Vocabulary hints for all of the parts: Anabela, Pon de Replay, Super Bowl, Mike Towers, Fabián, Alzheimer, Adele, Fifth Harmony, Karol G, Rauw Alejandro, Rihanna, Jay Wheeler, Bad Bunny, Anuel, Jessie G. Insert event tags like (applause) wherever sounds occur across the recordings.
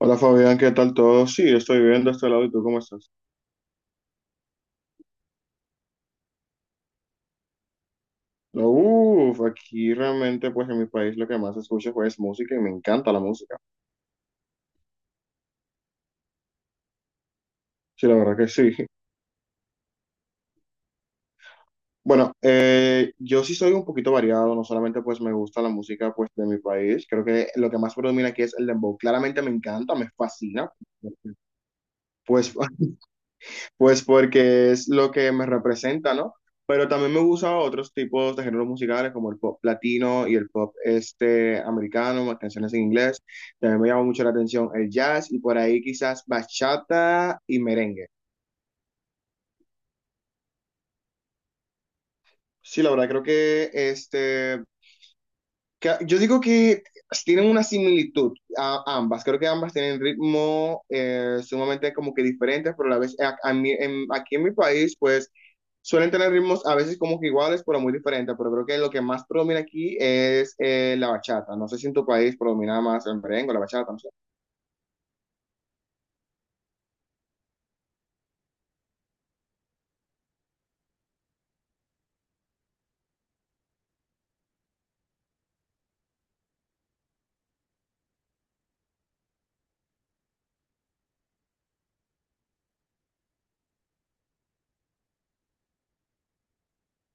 Hola Fabián, ¿qué tal todo? Sí, estoy bien de este lado y tú cómo estás. No, Uf, aquí realmente pues en mi país lo que más escucho pues, es música y me encanta la música. Sí, la verdad que sí. Bueno, yo sí soy un poquito variado, no solamente pues me gusta la música pues de mi país, creo que lo que más predomina aquí es el dembow. Claramente me encanta, me fascina, pues (laughs) Pues porque es lo que me representa, ¿no? Pero también me gustan otros tipos de géneros musicales como el pop latino y el pop este americano, más canciones en inglés. También me llama mucho la atención el jazz y por ahí quizás bachata y merengue. Sí, la verdad creo que yo digo que tienen una similitud a ambas. Creo que ambas tienen ritmo sumamente como que diferentes, pero a la vez aquí en mi país, pues suelen tener ritmos a veces como que iguales, pero muy diferentes. Pero creo que lo que más predomina aquí es la bachata. No sé si en tu país predomina más el merengue, o la bachata, no sé.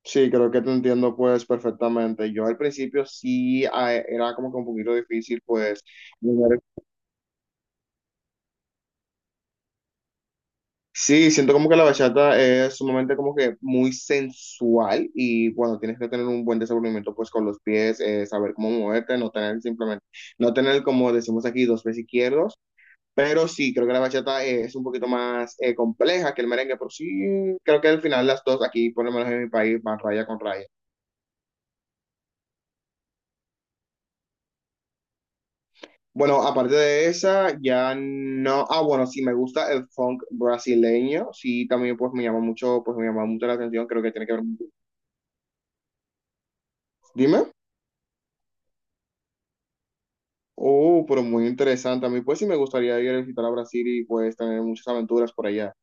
Sí, creo que te entiendo pues perfectamente. Yo al principio sí era como que un poquito difícil pues. Sí, siento como que la bachata es sumamente como que muy sensual y bueno, tienes que tener un buen desenvolvimiento pues con los pies, saber cómo moverte, no tener simplemente, no tener como decimos aquí dos pies izquierdos, pero sí, creo que la bachata es un poquito más compleja que el merengue, pero sí, creo que al final las dos aquí, por lo menos en mi país, van raya con raya. Bueno, aparte de esa, ya no, ah bueno, sí me gusta el funk brasileño, sí, también pues me llama mucho, pues me llama mucho la atención, creo que tiene que ver, dime. Oh, pero muy interesante. A mí pues sí me gustaría ir a visitar a Brasil y pues tener muchas aventuras por allá.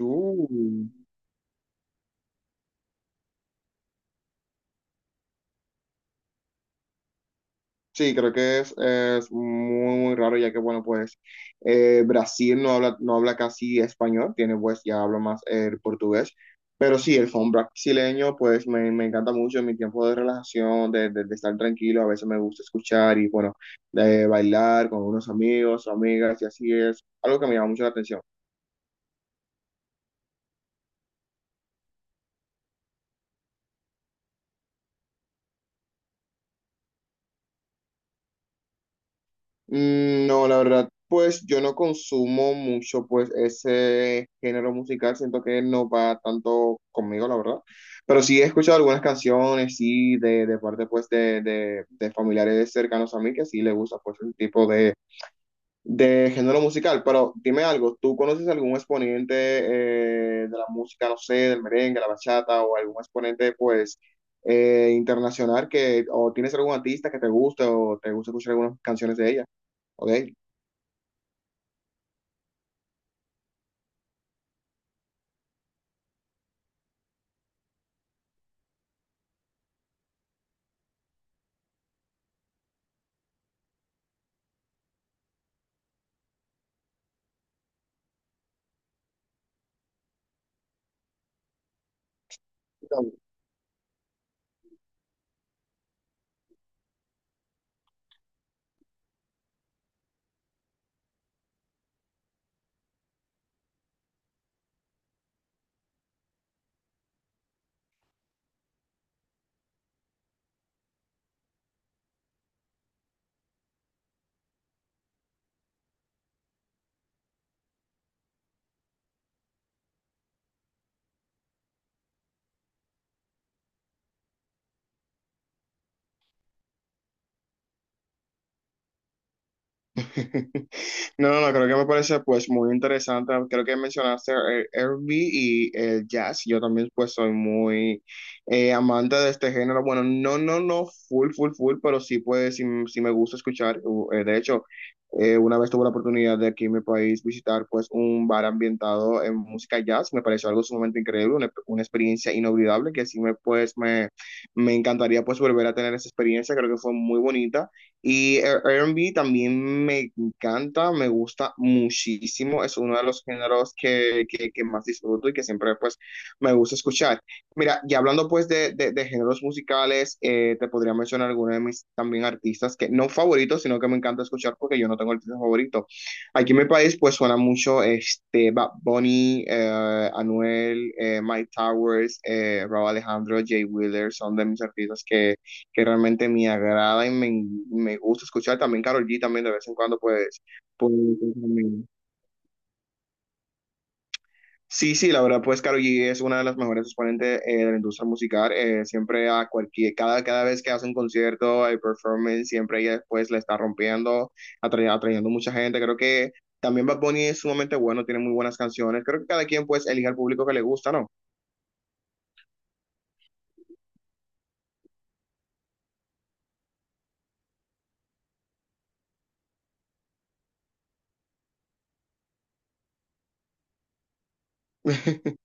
Uh, Sí, creo que es muy, muy raro ya que, bueno, pues Brasil no habla casi español, tiene pues ya habla más el portugués, pero sí, el funk brasileño pues me encanta mucho en mi tiempo de relajación, de estar tranquilo, a veces me gusta escuchar y bueno, de bailar con unos amigos, o amigas y así es algo que me llama mucho la atención. No, la verdad, pues yo no consumo mucho pues ese género musical, siento que no va tanto conmigo, la verdad. Pero sí he escuchado algunas canciones, sí, de parte pues de familiares cercanos a mí que sí le gusta pues ese tipo de, género musical. Pero dime algo, ¿tú conoces algún exponente de la música, no sé, del merengue, la bachata o algún exponente pues internacional que, o tienes algún artista que te guste o te gusta escuchar algunas canciones de ella? ¿Ok? (laughs) No, no, no creo que me parece pues muy interesante. Creo que mencionaste el R&B y el jazz. Yo también pues soy muy amante de este género. Bueno, no, no, no, full, full, full, pero sí pues sí, sí me gusta escuchar. De hecho, una vez tuve la oportunidad de aquí en mi país visitar pues un bar ambientado en música jazz. Me pareció algo sumamente increíble, una experiencia inolvidable que sí me encantaría pues volver a tener esa experiencia. Creo que fue muy bonita. Y el R&B también me encanta, me gusta muchísimo, es uno de los géneros que más disfruto y que siempre pues me gusta escuchar. Mira, y hablando pues de géneros musicales, te podría mencionar algunos de mis también artistas que no favoritos, sino que me encanta escuchar porque yo no tengo artista favorito. Aquí en mi país pues suena mucho este Bad Bunny, Anuel, Mike Towers, Rauw Alejandro, Jay Wheeler, son de mis artistas que realmente me agrada y me gusta escuchar. También Karol G también de vez en cuando, pues, también. Sí, sí, la verdad, pues Karol G es una de las mejores exponentes de la industria musical. Siempre cada vez que hace un concierto, hay performance, siempre ella pues la está rompiendo, atrayendo mucha gente. Creo que también Bad Bunny es sumamente bueno, tiene muy buenas canciones. Creo que cada quien pues elige al público que le gusta, ¿no? (laughs)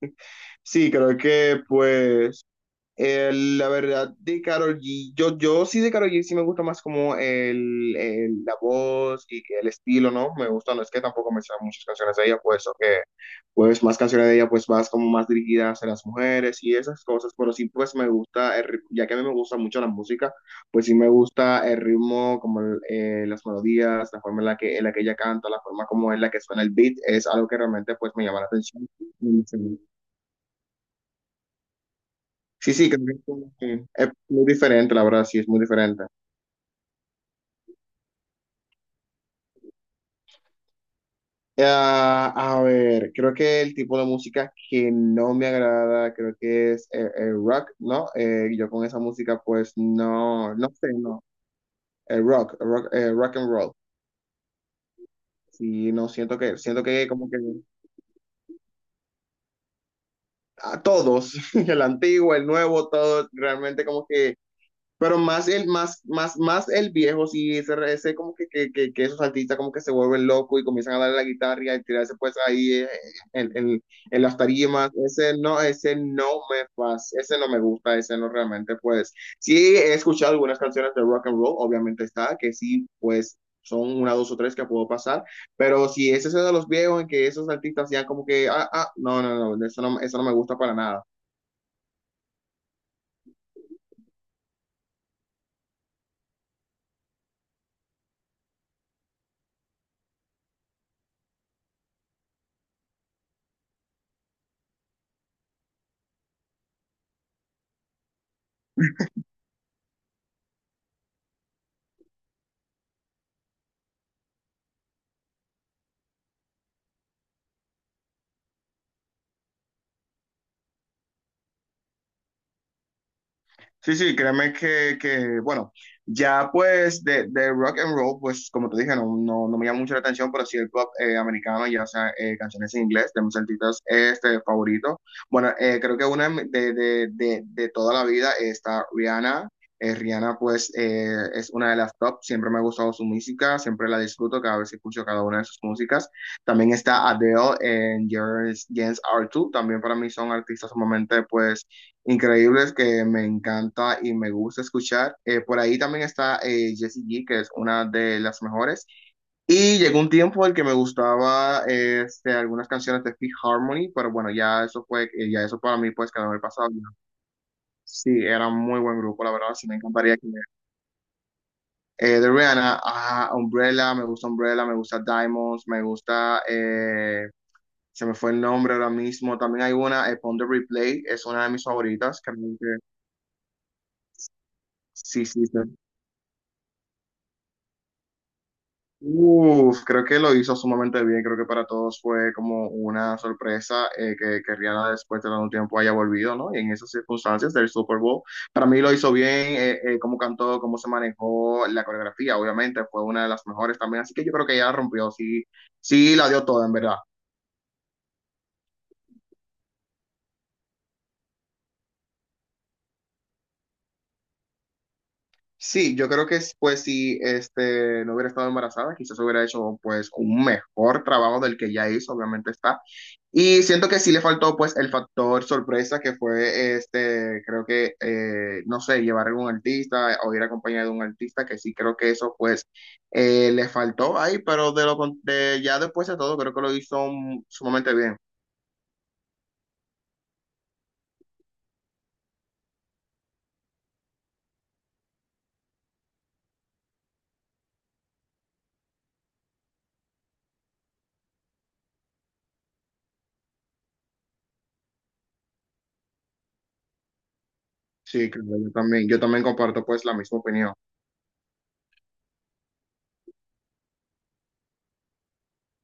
Sí, creo que pues la verdad de Karol G, yo sí de Karol G sí me gusta más como la voz y que el estilo, ¿no? Me gusta, no es que tampoco me sean muchas canciones de ella, pues, o que, pues, más canciones de ella, pues, más como más dirigidas a las mujeres y esas cosas, pero sí, pues, me gusta, ya que a mí me gusta mucho la música, pues sí me gusta el ritmo, las melodías, la forma en la que ella canta, la forma como en la que suena el beat, es algo que realmente, pues, me llama la atención. Sí, sí, creo que es como que es muy diferente, la verdad, sí, es muy diferente. Ah, a ver, creo que el tipo de música que no me agrada, creo que es el rock, ¿no? Yo con esa música, pues no, no sé, no. El rock and roll. Sí, no, siento que, como que a todos, (laughs) el antiguo, el nuevo, todo, realmente como que. Pero más el viejo, sí, ese como que esos artistas como que se vuelven locos y comienzan a darle la guitarra y a tirarse pues ahí en, en, en las tarimas. Ese no me pasa, ese no me gusta, ese no realmente pues. Sí, he escuchado algunas canciones de rock and roll, obviamente está, que sí, pues son una, dos o tres que puedo pasar, pero si ese es ese de los viejos en que esos artistas ya como que, no, no, no, eso no, eso no me gusta para nada. Sí, sí, créeme que, bueno, ya pues de rock and roll, pues como te dije, no, no, no me llama mucho la atención, pero sí el pop americano, ya sea canciones en inglés de mis artistas favoritos. Bueno, creo que una de, mi- de toda la vida está Rihanna. Rihanna pues es una de las top, siempre me ha gustado su música, siempre la disfruto cada vez que escucho cada una de sus músicas. También está Adele en James r two también para mí son artistas sumamente pues increíbles que me encanta y me gusta escuchar. Por ahí también está Jessie G, que es una de las mejores. Y llegó un tiempo en el que me gustaba algunas canciones de Fifth Harmony, pero bueno, ya eso fue, ya eso para mí pues quedó en el pasado. Ya. Sí, era un muy buen grupo, la verdad, sí me encantaría que... De Rihanna, Umbrella, me gusta Diamonds, me gusta, se me fue el nombre ahora mismo. También hay una, Pon de Replay, es una de mis favoritas. Sí, sí, sí. Uf, creo que lo hizo sumamente bien. Creo que para todos fue como una sorpresa que Rihanna después de tanto tiempo haya volvido, ¿no? Y en esas circunstancias del Super Bowl. Para mí lo hizo bien, cómo cantó, cómo se manejó la coreografía. Obviamente fue una de las mejores también. Así que yo creo que ella rompió, sí, sí la dio toda, en verdad. Sí, yo creo que pues si no hubiera estado embarazada, quizás hubiera hecho pues un mejor trabajo del que ya hizo, obviamente está. Y siento que sí le faltó pues el factor sorpresa que fue creo que, no sé, llevar a un artista o ir acompañado de un artista, que sí creo que eso pues le faltó ahí, pero de lo con- de, ya después de todo creo que lo hizo sumamente bien. Sí, claro, yo también comparto pues la misma opinión.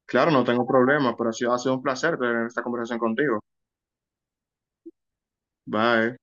Claro, no tengo problema, pero sí ha sido un placer tener esta conversación contigo. Bye.